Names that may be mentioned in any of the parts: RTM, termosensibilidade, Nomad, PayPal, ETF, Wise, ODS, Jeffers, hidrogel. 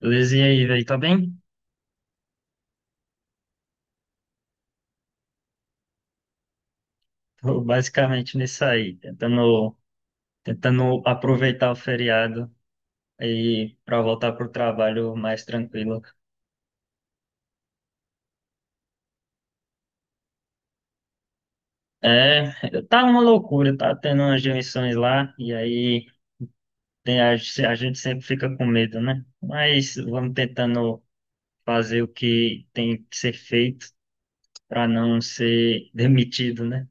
Luiz, e aí, velho, tá bem? Tô basicamente nisso aí, tentando aproveitar o feriado e para voltar pro trabalho mais tranquilo. É, tá uma loucura, tá tendo umas demissões lá, e aí tem a gente sempre fica com medo, né? Mas vamos tentando fazer o que tem que ser feito para não ser demitido, né?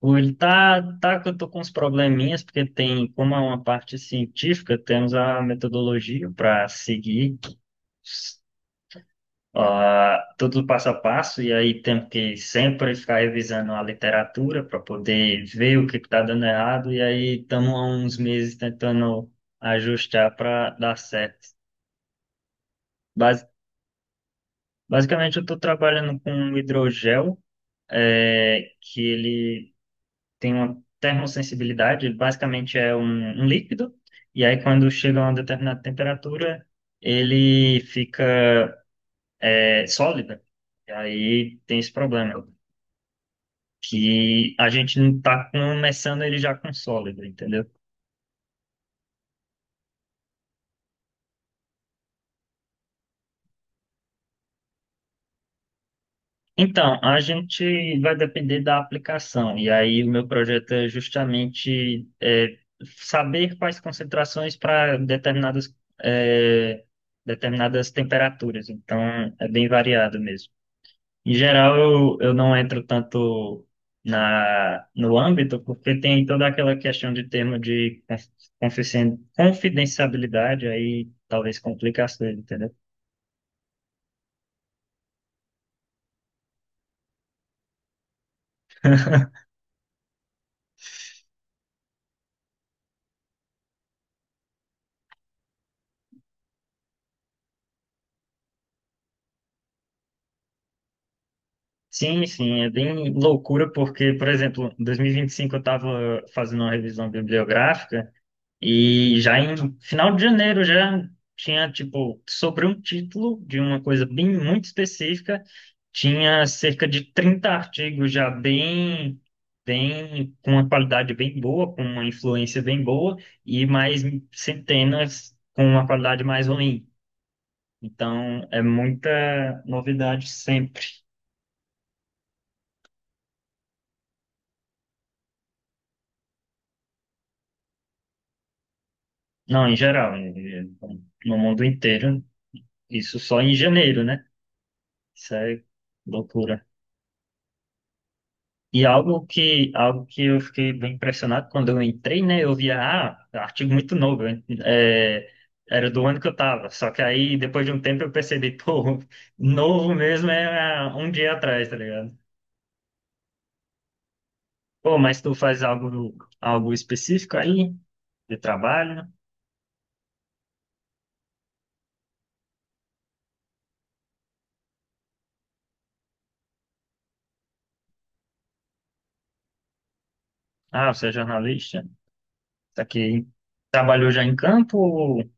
Hoje tá que eu tô com uns probleminhas, porque tem, como é uma parte científica, temos a metodologia para seguir tudo passo a passo, e aí temos que sempre ficar revisando a literatura para poder ver o que está dando errado, e aí estamos há uns meses tentando ajustar para dar certo. Bas- Basicamente, eu estou trabalhando com um hidrogel, é, que ele tem uma termosensibilidade, ele basicamente é um líquido, e aí quando chega a uma determinada temperatura, ele fica é, sólida. E aí tem esse problema, que a gente não está começando ele já com sólido, entendeu? Então, a gente vai depender da aplicação, e aí o meu projeto é justamente saber quais concentrações para é, determinadas temperaturas. Então, é bem variado mesmo. Em geral, eu não entro tanto no âmbito, porque tem toda aquela questão de termo de confidencialidade, aí talvez complica as coisas, entendeu? Sim, sim, é bem loucura, porque, por exemplo, em 2025 eu estava fazendo uma revisão bibliográfica. E já em final de janeiro já tinha, tipo, sobre um título de uma coisa bem muito específica, tinha cerca de 30 artigos já bem, com uma qualidade bem boa, com uma influência bem boa, e mais centenas com uma qualidade mais ruim. Então, é muita novidade sempre. Não, em geral, no mundo inteiro, isso só em janeiro, né? Isso é loucura. E algo que eu fiquei bem impressionado quando eu entrei, né? Eu via, ah, artigo muito novo, hein, era do ano que eu tava. Só que aí, depois de um tempo, eu percebi, pô, novo mesmo é um dia atrás, tá ligado? Pô, mas tu faz algo específico aí, de trabalho? Ah, você é jornalista? Tá aqui. Trabalhou já em campo? Ou...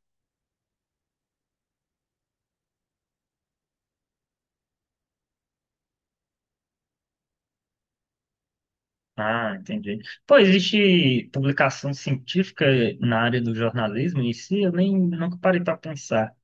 Ah, entendi. Pô, existe publicação científica na área do jornalismo em si? Eu nem nunca parei para pensar.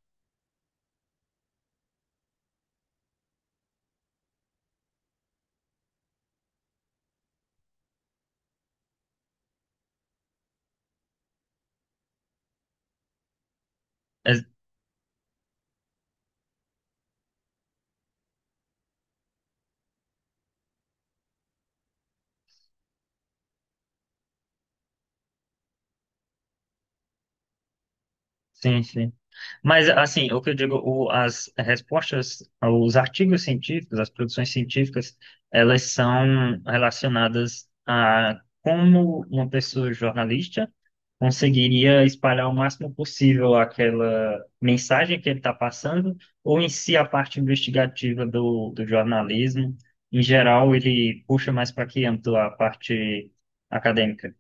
Sim, sim. Mas, assim, o que eu digo, as respostas, os artigos científicos, as produções científicas, elas são relacionadas a como uma pessoa jornalista conseguiria espalhar o máximo possível aquela mensagem que ele está passando, ou em si a parte investigativa do jornalismo. Em geral, ele puxa mais para que âmbito a parte acadêmica.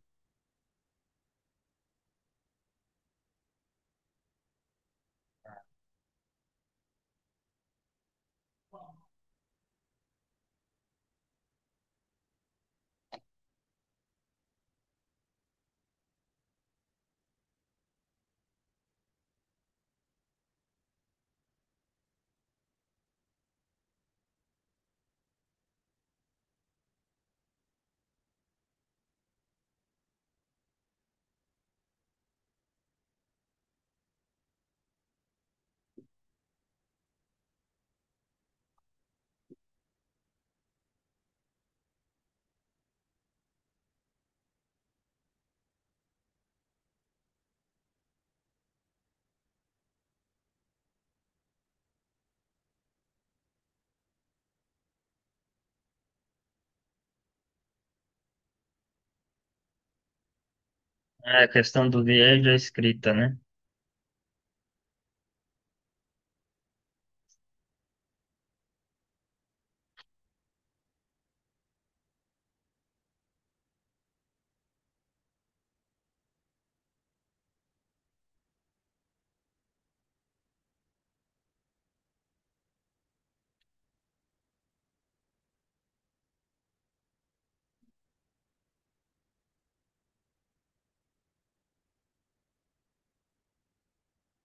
É a questão do viés da escrita, né?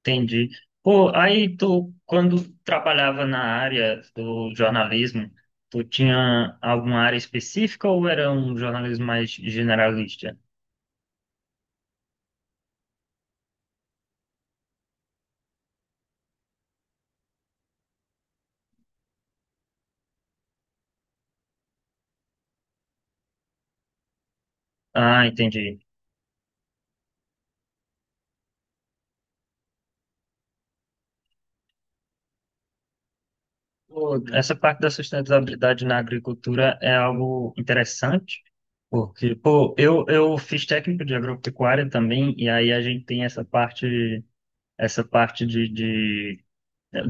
Entendi. Pô, aí tu, quando trabalhava na área do jornalismo, tu tinha alguma área específica ou era um jornalismo mais generalista? Ah, entendi. Pô, essa parte da sustentabilidade na agricultura é algo interessante, porque, pô, eu fiz técnico de agropecuária também, e aí a gente tem essa parte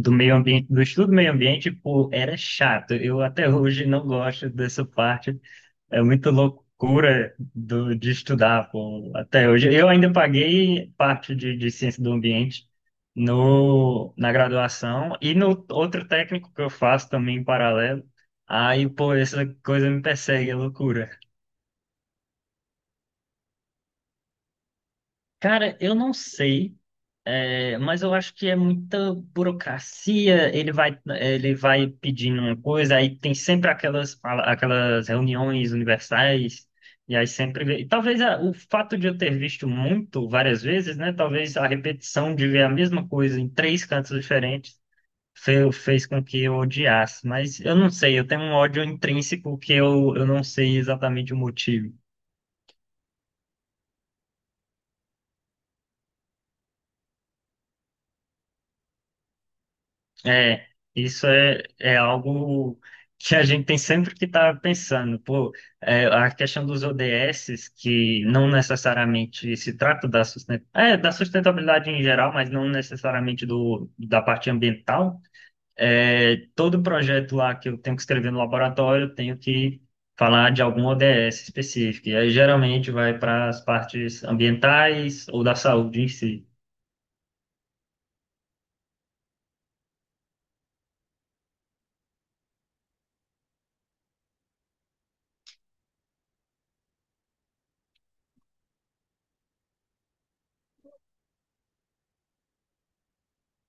do meio ambiente, do estudo do meio ambiente, pô, era chato. Eu até hoje não gosto dessa parte. É muita loucura do, de estudar, pô, até hoje. Eu ainda paguei parte de ciência do ambiente no, na graduação e no outro técnico que eu faço também em paralelo. Aí, pô, essa coisa me persegue, é loucura. Cara, eu não sei, é, mas eu acho que é muita burocracia. Ele vai pedindo uma coisa, aí tem sempre aquelas reuniões universais, e aí sempre. E talvez o fato de eu ter visto muito várias vezes, né? Talvez a repetição de ver a mesma coisa em três cantos diferentes fez com que eu odiasse. Mas eu não sei, eu, tenho um ódio intrínseco que eu não sei exatamente o motivo. É, isso é algo que a gente tem sempre que estar pensando. Pô, é, a questão dos ODS, que não necessariamente se trata da sustentabilidade em geral, mas não necessariamente da parte ambiental. É, todo projeto lá que eu tenho que escrever no laboratório, eu tenho que falar de algum ODS específico. E aí, geralmente, vai para as partes ambientais ou da saúde em si.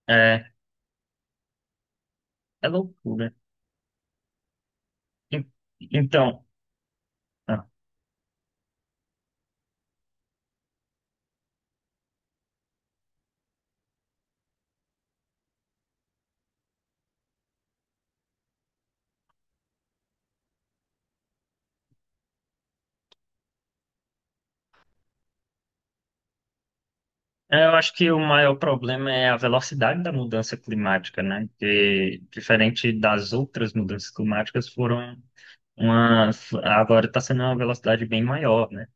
É, é loucura. En- Então. Ah. É, eu acho que o maior problema é a velocidade da mudança climática, né? Que, diferente das outras mudanças climáticas, foram uma. Agora está sendo uma velocidade bem maior, né?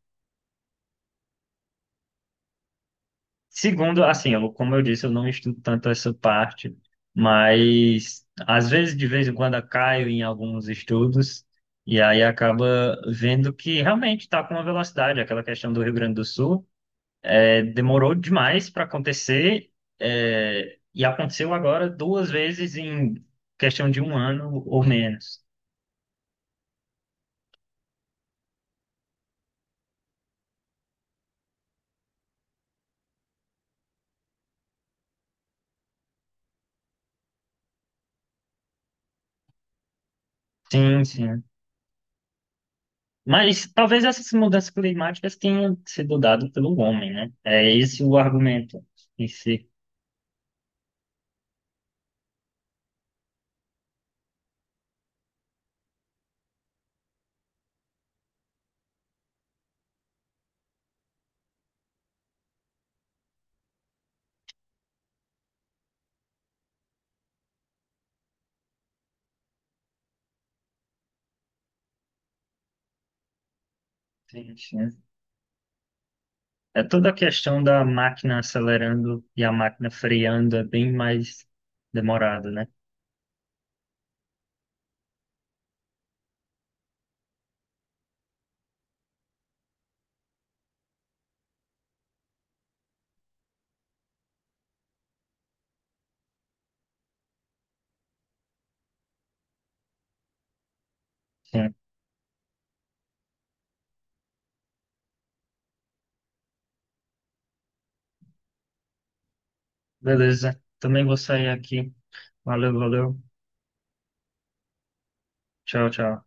Segundo, assim, eu, como eu disse, eu não estudo tanto essa parte, mas às vezes, de vez em quando, eu caio em alguns estudos e aí acaba vendo que realmente está com uma velocidade, aquela questão do Rio Grande do Sul. É, demorou demais para acontecer, é, e aconteceu agora duas vezes em questão de um ano ou menos. Sim, sim. Mas talvez essas mudanças climáticas tenham sido dadas pelo homem, né? É esse o argumento em si. Sim, sim. É toda a questão da máquina acelerando e a máquina freando é bem mais demorado, né? Sim. Beleza. Também vou sair aqui. Valeu, valeu. Tchau, tchau.